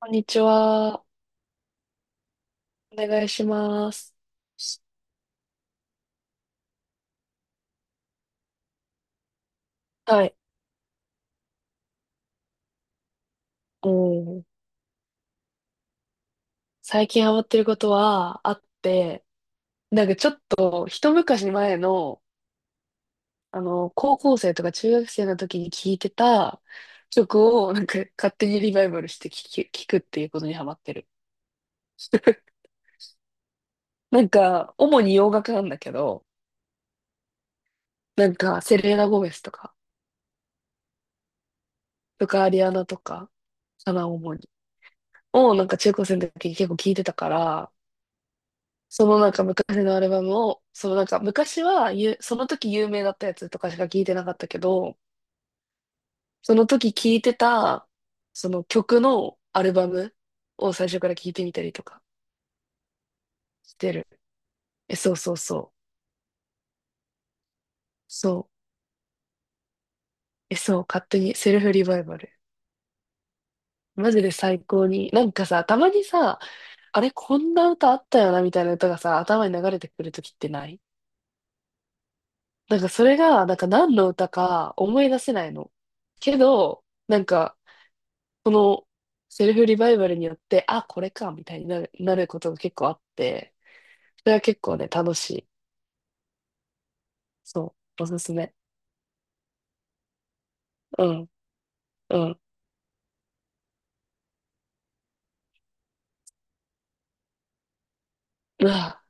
こんにちは。お願いします。はい。うん。最近ハマってることはあって、なんかちょっと一昔前の、高校生とか中学生の時に聴いてた曲を、なんか勝手にリバイバルして聴くっていうことにハマってる。なんか、主に洋楽なんだけど、なんか、セレーナ・ゴメスとか、アリアナとか、かな、主に。を、なんか中高生の時に結構聴いてたから、そのなんか昔のアルバムを、そのなんか昔はゆ、その時有名だったやつとかしか聞いてなかったけど、その時聞いてた、その曲のアルバムを最初から聞いてみたりとかしてる。え、そうそうそう。そう。え、そう。勝手にセルフリバイバル。マジで最高に。なんかさ、たまにさ、あれ、こんな歌あったよな、みたいな歌がさ、頭に流れてくるときってない？なんかそれが、なんか何の歌か思い出せないの。けど、なんか、そのセルフリバイバルによって、あ、これか、みたいになることが結構あって、それは結構ね、楽しい。そう、おすすめ。うん、うん。うわ、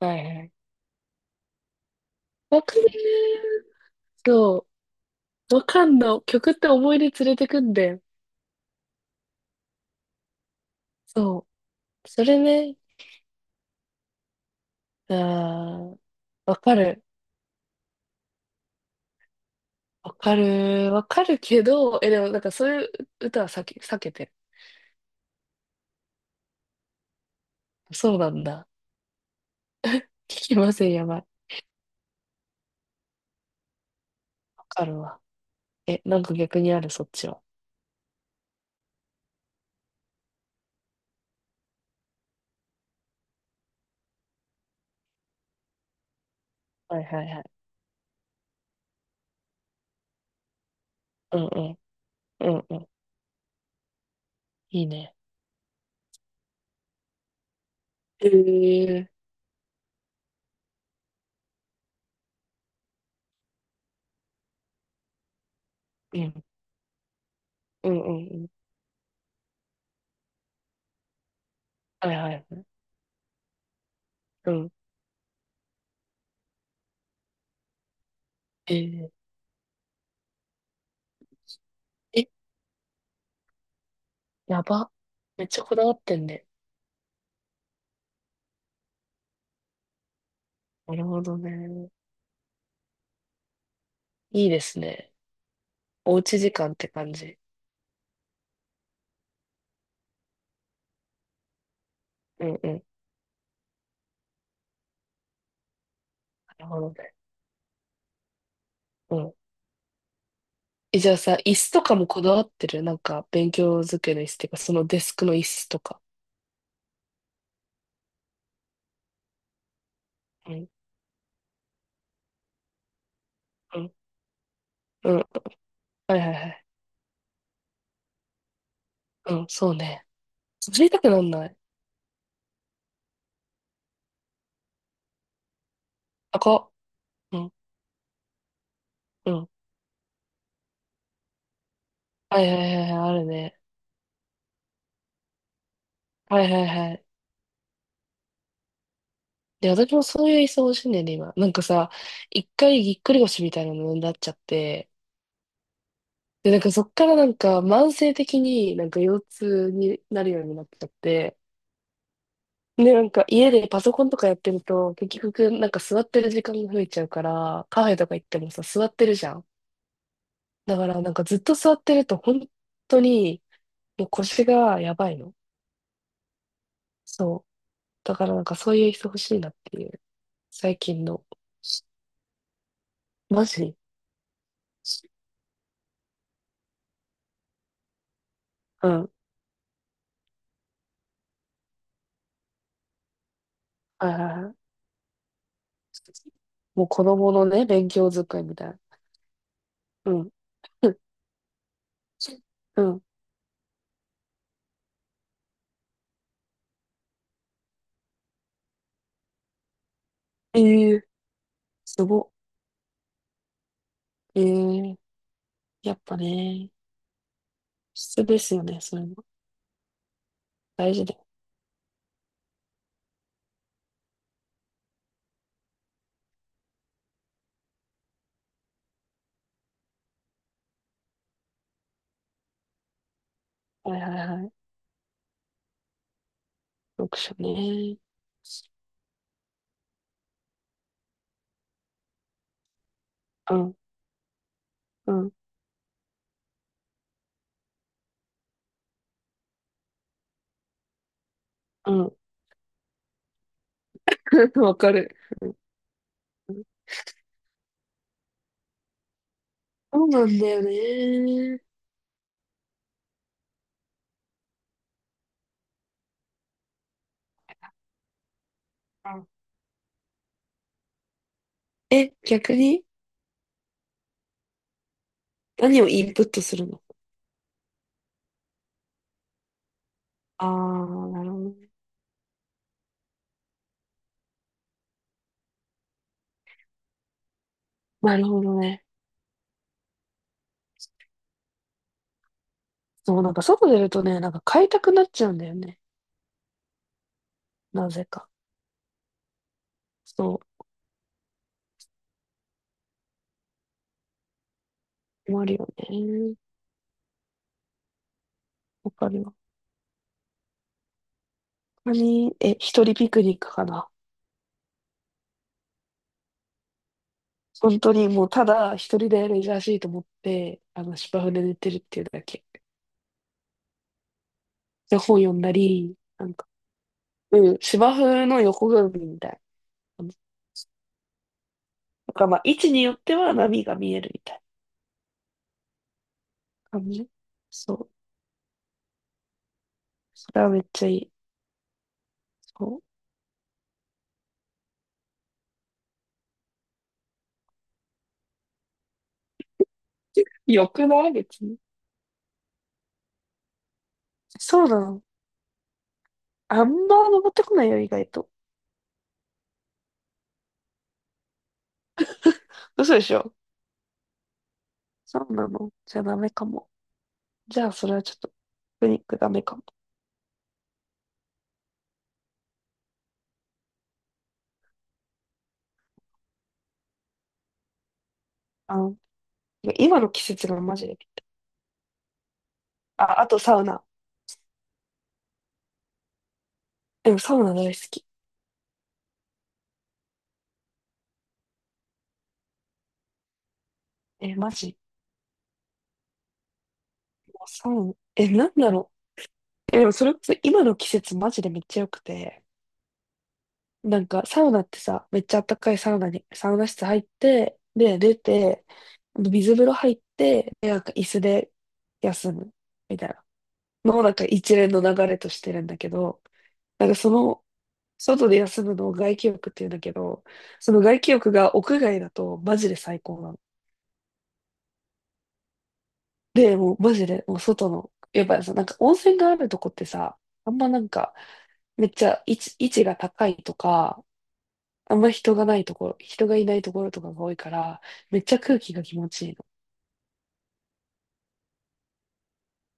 はいはい。わかる。そう、わかんの。曲って思い出連れてくんで。そう。それね、あー、わかる。わかる。わかるけど、え、でもなんかそういう歌は避けてる。そうなんだ。聞きません、やばい。わかるわ。え、なんか逆にある、そっちは？はいはいはい。うんうん。うんうん。いいね。へえ。うん。うんうんうん。はいはい。うん。へえ。え、やば。めっちゃこだわってんね。なるほどね。いいですね。おうち時間って感じ。うんうん。なるほどね。うん。え、じゃあさ、椅子とかもこだわってる？なんか、勉強机の椅子っていうか、そのデスクの椅子とか。うん。うん。うん。はいはいはい。うん、そうね。座りたくなんない。あ、こ。うん。うん。はいはいはいはい、あるね。はいはいはい。で、私もそういう椅子欲しいんだよね、今。なんかさ、一回ぎっくり腰みたいなのになっちゃって、で、なんかそっからなんか慢性的になんか腰痛になるようになっちゃって、で、なんか家でパソコンとかやってると、結局なんか座ってる時間が増えちゃうから、カフェとか行ってもさ、座ってるじゃん。だからなんかずっと座ってると本当にもう腰がやばいの。そう。だからなんかそういう椅子欲しいなっていう、最近の。マジ。うん。はいはいはい。もう子供のね、勉強机みたいな。うん。うん。ええー、すごっ。ええー、やっぱね、質ですよね、そういうの。大事で。はいはいはい。読書ね。うん、うん、うん。わかる。そうなんだよね。うん。え、逆に何をインプットするの？ああ、なるほどね。なるほどね。そう、なんか外出るとね、なんか買いたくなっちゃうんだよね。なぜか。そう、困るよね。わかる。本当に、え、一人ピクニックかな。本当にもうただ一人でレジャーシート持って、芝生で寝てるっていうだけ。で、本読んだり、なんか、うん、芝生の横組みみたいな感じ。なんかまあ、位置によっては波が見えるみたいな感じ。そう。それはめっちゃいい。そう。よくない別に。そうなの。あんま登ってこないよ、意外と。嘘でしょ？そうなの。じゃあダメかも。じゃあそれはちょっと、ピクニックダメかも。あの今の季節がマジで。あ、あとサウナ。でもサウナ大好き。え、マジ？もうサウナ。え、なんだろう。え、でもそれこそ今の季節マジでめっちゃ良くて。なんかサウナってさ、めっちゃ暖かいサウナに、サウナ室入って、で、出て、水風呂入って、で、なんか椅子で休む。みたいな。の、なんか一連の流れとしてるんだけど、なんかその、外で休むのを外気浴って言うんだけど、その外気浴が屋外だとマジで最高なの。で、もうマジで、もう外の、やっぱりさ、なんか温泉があるとこってさ、あんまなんか、めっちゃ位置が高いとか、あんま人がないところ、人がいないところとかが多いから、めっちゃ空気が気持ちいいの。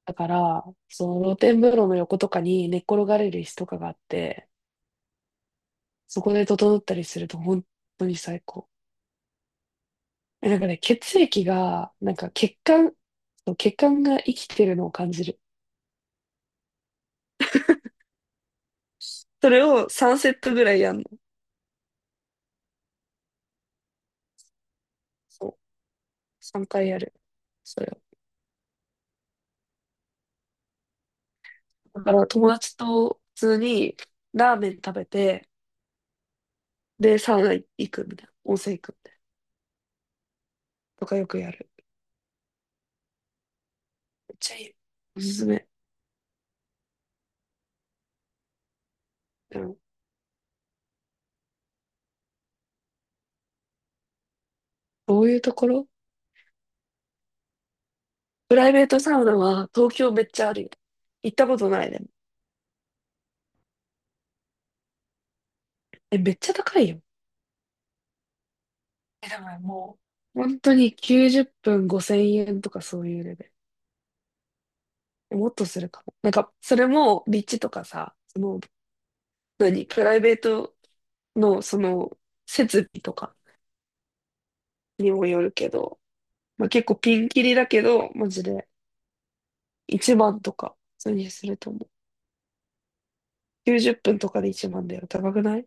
だから、その露天風呂の横とかに寝っ転がれる椅子とかがあって、そこで整ったりすると本当に最高。え、なんかね、血液が、なんか血管、そう血管が生きてるのを感じる。それを3セットぐらいやんの。そう。3回やる。それを。だから友達と普通にラーメン食べて、で、サウナ行くみたいな、温泉行くみたいなとかよくやる。めっちゃいい。おすすめ。うん。どういうところ？プライベートサウナは東京めっちゃあるよ。行ったことないでも。え、めっちゃ高いよ。え、でももう、本当に90分5000円とかそういうレベル。もっとするかも。なんか、それも立地とかさ、その、何、プライベートのその、設備とかにもよるけど、まあ、結構ピンキリだけど、マジで1万とか、普通にすると思う。90分とかで1万だよ。高くない？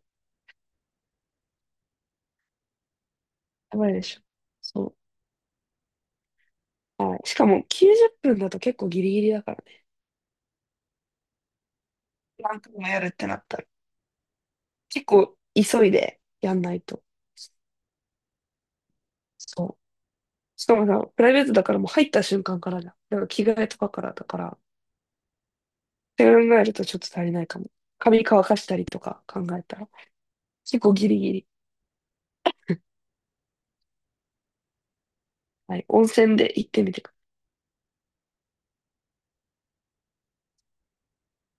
やばいでしょ。そう。はい。しかも90分だと結構ギリギリだからね。何回もやるってなったら。結構急いでやんないと。そう。しかもさ、プライベートだからもう入った瞬間からじゃん。だから着替えとかからだから。って考えるとちょっと足りないかも。髪乾かしたりとか考えたら。結構ギリギリ。はい。温泉で行ってみてく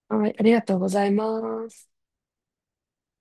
ださい。はい。ありがとうございます。